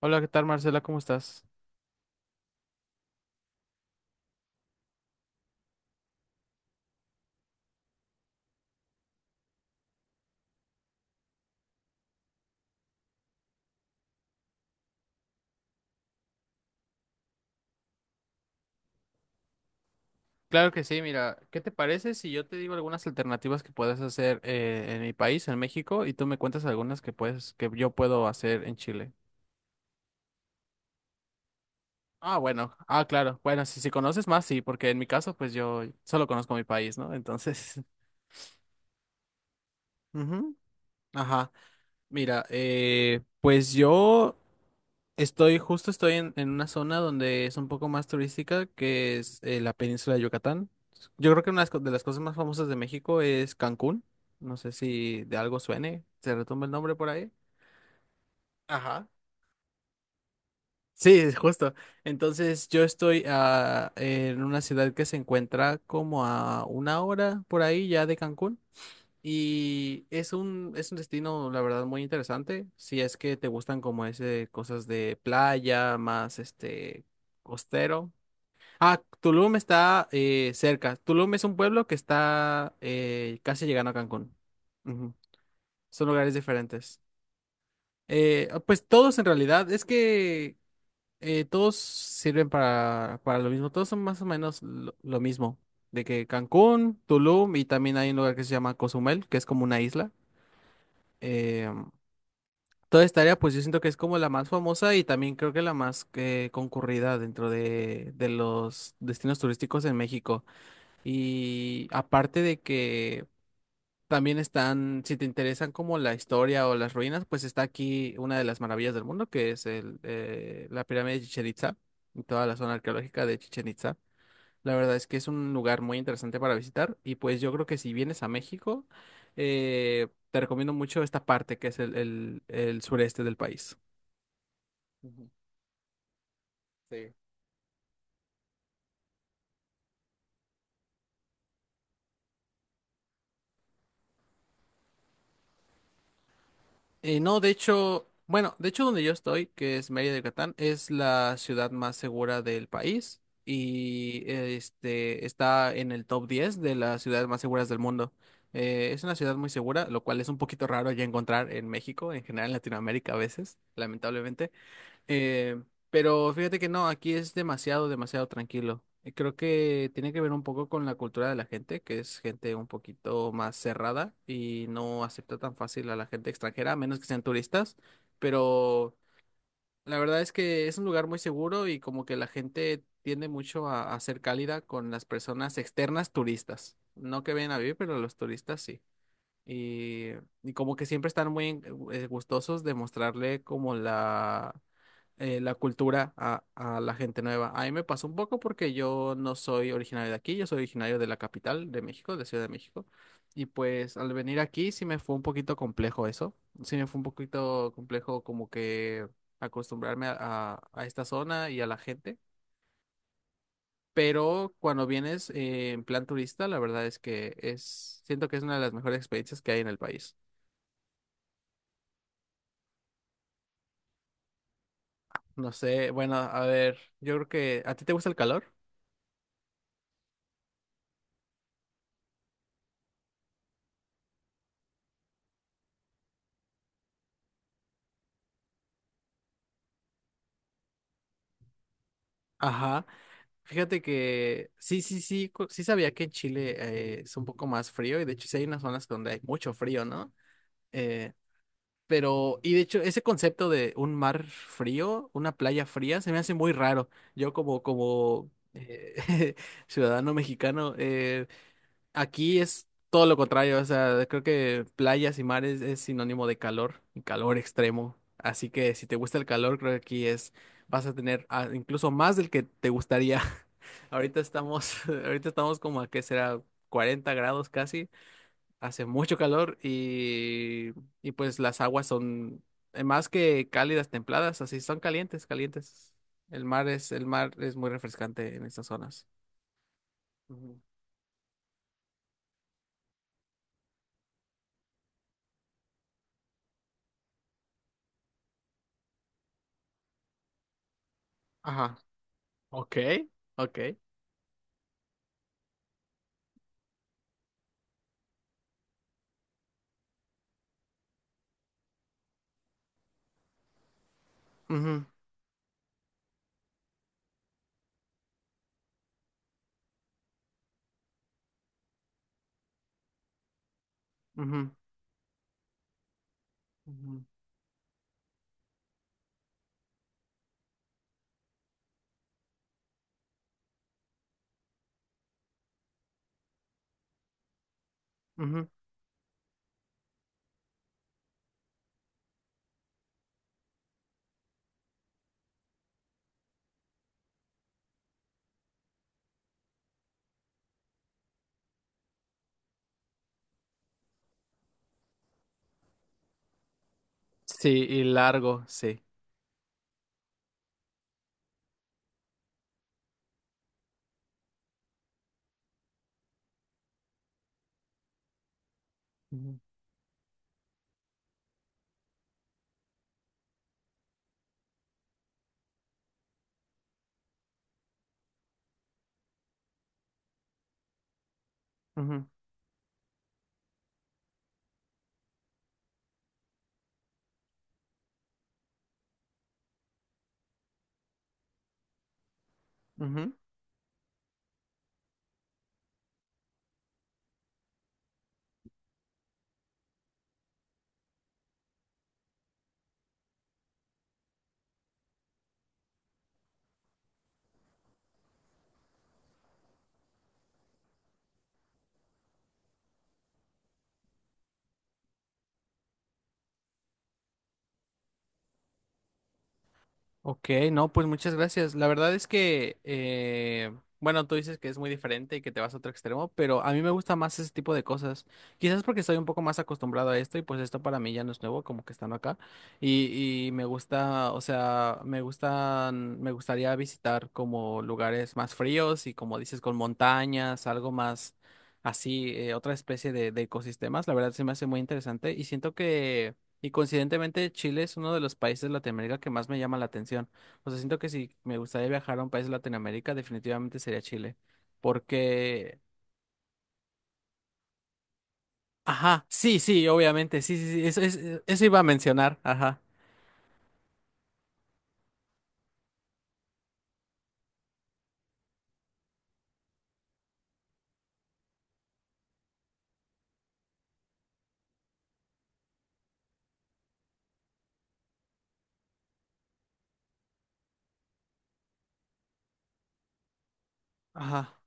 Hola, ¿qué tal, Marcela? ¿Cómo estás? Claro que sí, mira, ¿qué te parece si yo te digo algunas alternativas que puedes hacer en mi país, en México, y tú me cuentas algunas que yo puedo hacer en Chile? Bueno, claro. Bueno, si conoces más, sí, porque en mi caso, pues yo solo conozco mi país, ¿no? Entonces, ujú. Ajá. Mira, pues yo Estoy, en una zona donde es un poco más turística, que es la península de Yucatán. Yo creo que una de las de las cosas más famosas de México es Cancún. No sé si de algo suene, se retumba el nombre por ahí. Ajá. Sí, justo. Entonces yo estoy en una ciudad que se encuentra como a una hora por ahí ya de Cancún. Y es es un destino, la verdad, muy interesante. Si es que te gustan como ese cosas de playa, más este costero. Ah, Tulum está cerca. Tulum es un pueblo que está casi llegando a Cancún. Ujú. Son lugares diferentes. Pues todos en realidad, es que todos sirven para lo mismo. Todos son más o menos lo mismo. De que Cancún, Tulum y también hay un lugar que se llama Cozumel, que es como una isla. eh, Toda esta área, pues yo siento que es como la más famosa y también creo que la más concurrida dentro de los destinos turísticos en México. Y aparte de que también están, si te interesan como la historia o las ruinas, pues está aquí una de las maravillas del mundo, que es la pirámide de Chichén Itzá y toda la zona arqueológica de Chichén Itzá. La verdad es que es un lugar muy interesante para visitar y pues yo creo que si vienes a México, te recomiendo mucho esta parte que es el sureste del país. Ujú. Sí. No, de hecho, bueno, de hecho donde yo estoy, que es Mérida, Yucatán, es la ciudad más segura del país y este está en el top 10 de las ciudades más seguras del mundo. Es una ciudad muy segura, lo cual es un poquito raro ya encontrar en México, en general en Latinoamérica a veces, lamentablemente. Eh, pero fíjate que no, aquí es demasiado, demasiado tranquilo. Creo que tiene que ver un poco con la cultura de la gente, que es gente un poquito más cerrada y no acepta tan fácil a la gente extranjera, a menos que sean turistas. Pero la verdad es que es un lugar muy seguro y como que la gente tiende mucho a ser cálida con las personas externas turistas. No que vayan a vivir, pero los turistas sí. Y, y como que siempre están muy gustosos de mostrarle como la cultura a la gente nueva. A mí me pasó un poco porque yo no soy originario de aquí, yo soy originario de la capital de México, de Ciudad de México. Y pues al venir aquí sí me fue un poquito complejo eso. Sí me fue un poquito complejo como que acostumbrarme a esta zona y a la gente. Pero cuando vienes en plan turista, la verdad es que es, siento que es una de las mejores experiencias que hay en el país. No sé, bueno, a ver, yo creo que a ti te gusta el calor. Ajá. Fíjate que sí, sí, sí, sí sabía que en Chile es un poco más frío y de hecho sí hay unas zonas donde hay mucho frío, ¿no? Eh, pero, y de hecho ese concepto de un mar frío, una playa fría, se me hace muy raro. Yo como ciudadano mexicano. Aquí es todo lo contrario, o sea, creo que playas y mares es sinónimo de calor y calor extremo. Así que si te gusta el calor, creo que aquí es, vas a tener incluso más del que te gustaría. Ahorita estamos como a qué será 40 grados casi, hace mucho calor y pues las aguas son más que cálidas, templadas, así son calientes, calientes. El mar es muy refrescante en estas zonas. Ujú. Ajá, ok, ok. Ujú, ujú, ujú, ujú. Sí, y largo, sí. Ujú, ujú, ujú. Ok, no, pues muchas gracias. La verdad es que, bueno, tú dices que es muy diferente y que te vas a otro extremo, pero a mí me gusta más ese tipo de cosas. Quizás porque estoy un poco más acostumbrado a esto y pues esto para mí ya no es nuevo, como que estando acá. Y me gusta, o sea, me gustaría visitar como lugares más fríos y como dices, con montañas, algo más así, otra especie de ecosistemas. La verdad se me hace muy interesante y siento que... Y coincidentemente Chile es uno de los países de Latinoamérica que más me llama la atención. O sea, siento que si me gustaría viajar a un país de Latinoamérica, definitivamente sería Chile. Porque, ajá, sí, sí, obviamente, sí, sí, sí, eso, eso iba a mencionar, ajá, ajá.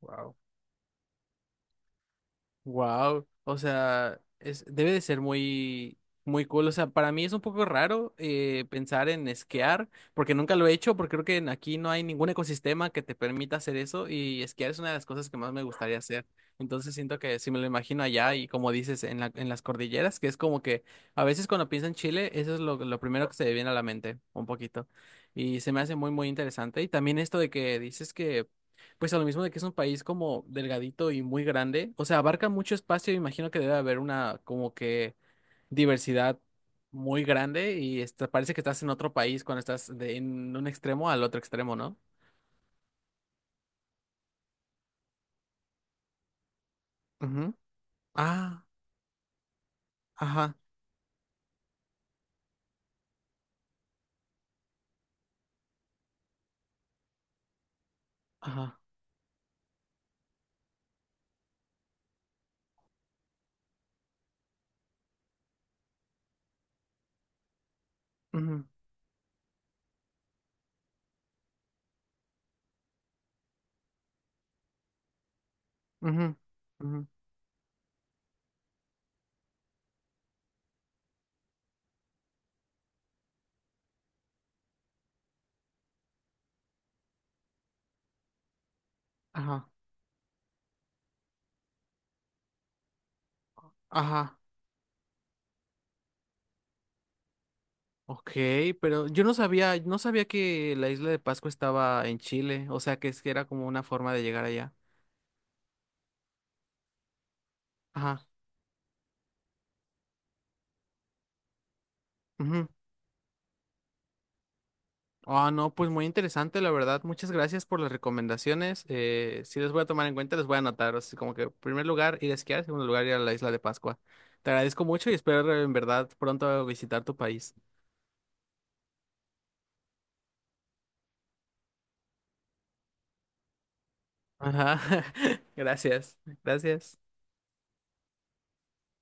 Wow. Wow, o sea, es, debe de ser muy, muy cool. O sea, para mí es un poco raro pensar en esquiar, porque nunca lo he hecho, porque creo que aquí no hay ningún ecosistema que te permita hacer eso, y esquiar es una de las cosas que más me gustaría hacer. Entonces siento que si me lo imagino allá y como dices, en las cordilleras, que es como que a veces cuando pienso en Chile, eso es lo primero que se me viene a la mente, un poquito. Y se me hace muy, muy interesante. Y también esto de que dices que pues a lo mismo de que es un país como delgadito y muy grande, o sea, abarca mucho espacio, imagino que debe haber una como que diversidad muy grande y esta- parece que estás en otro país cuando estás de en un extremo al otro extremo, ¿no? Ujú. Ah, ajá, ajá, ujú, ujú, ujú, ajá, ajá. Ok, pero yo no sabía, no sabía que la isla de Pascua estaba en Chile, o sea, que es que era como una forma de llegar allá. Ajá. Ah, no, pues muy interesante, la verdad. Muchas gracias por las recomendaciones. Sí les voy a tomar en cuenta, les voy a anotar. Así como que, primer lugar, ir a esquiar, segundo lugar, ir a la isla de Pascua. Te agradezco mucho y espero en verdad pronto visitar tu país. Ajá, gracias, gracias.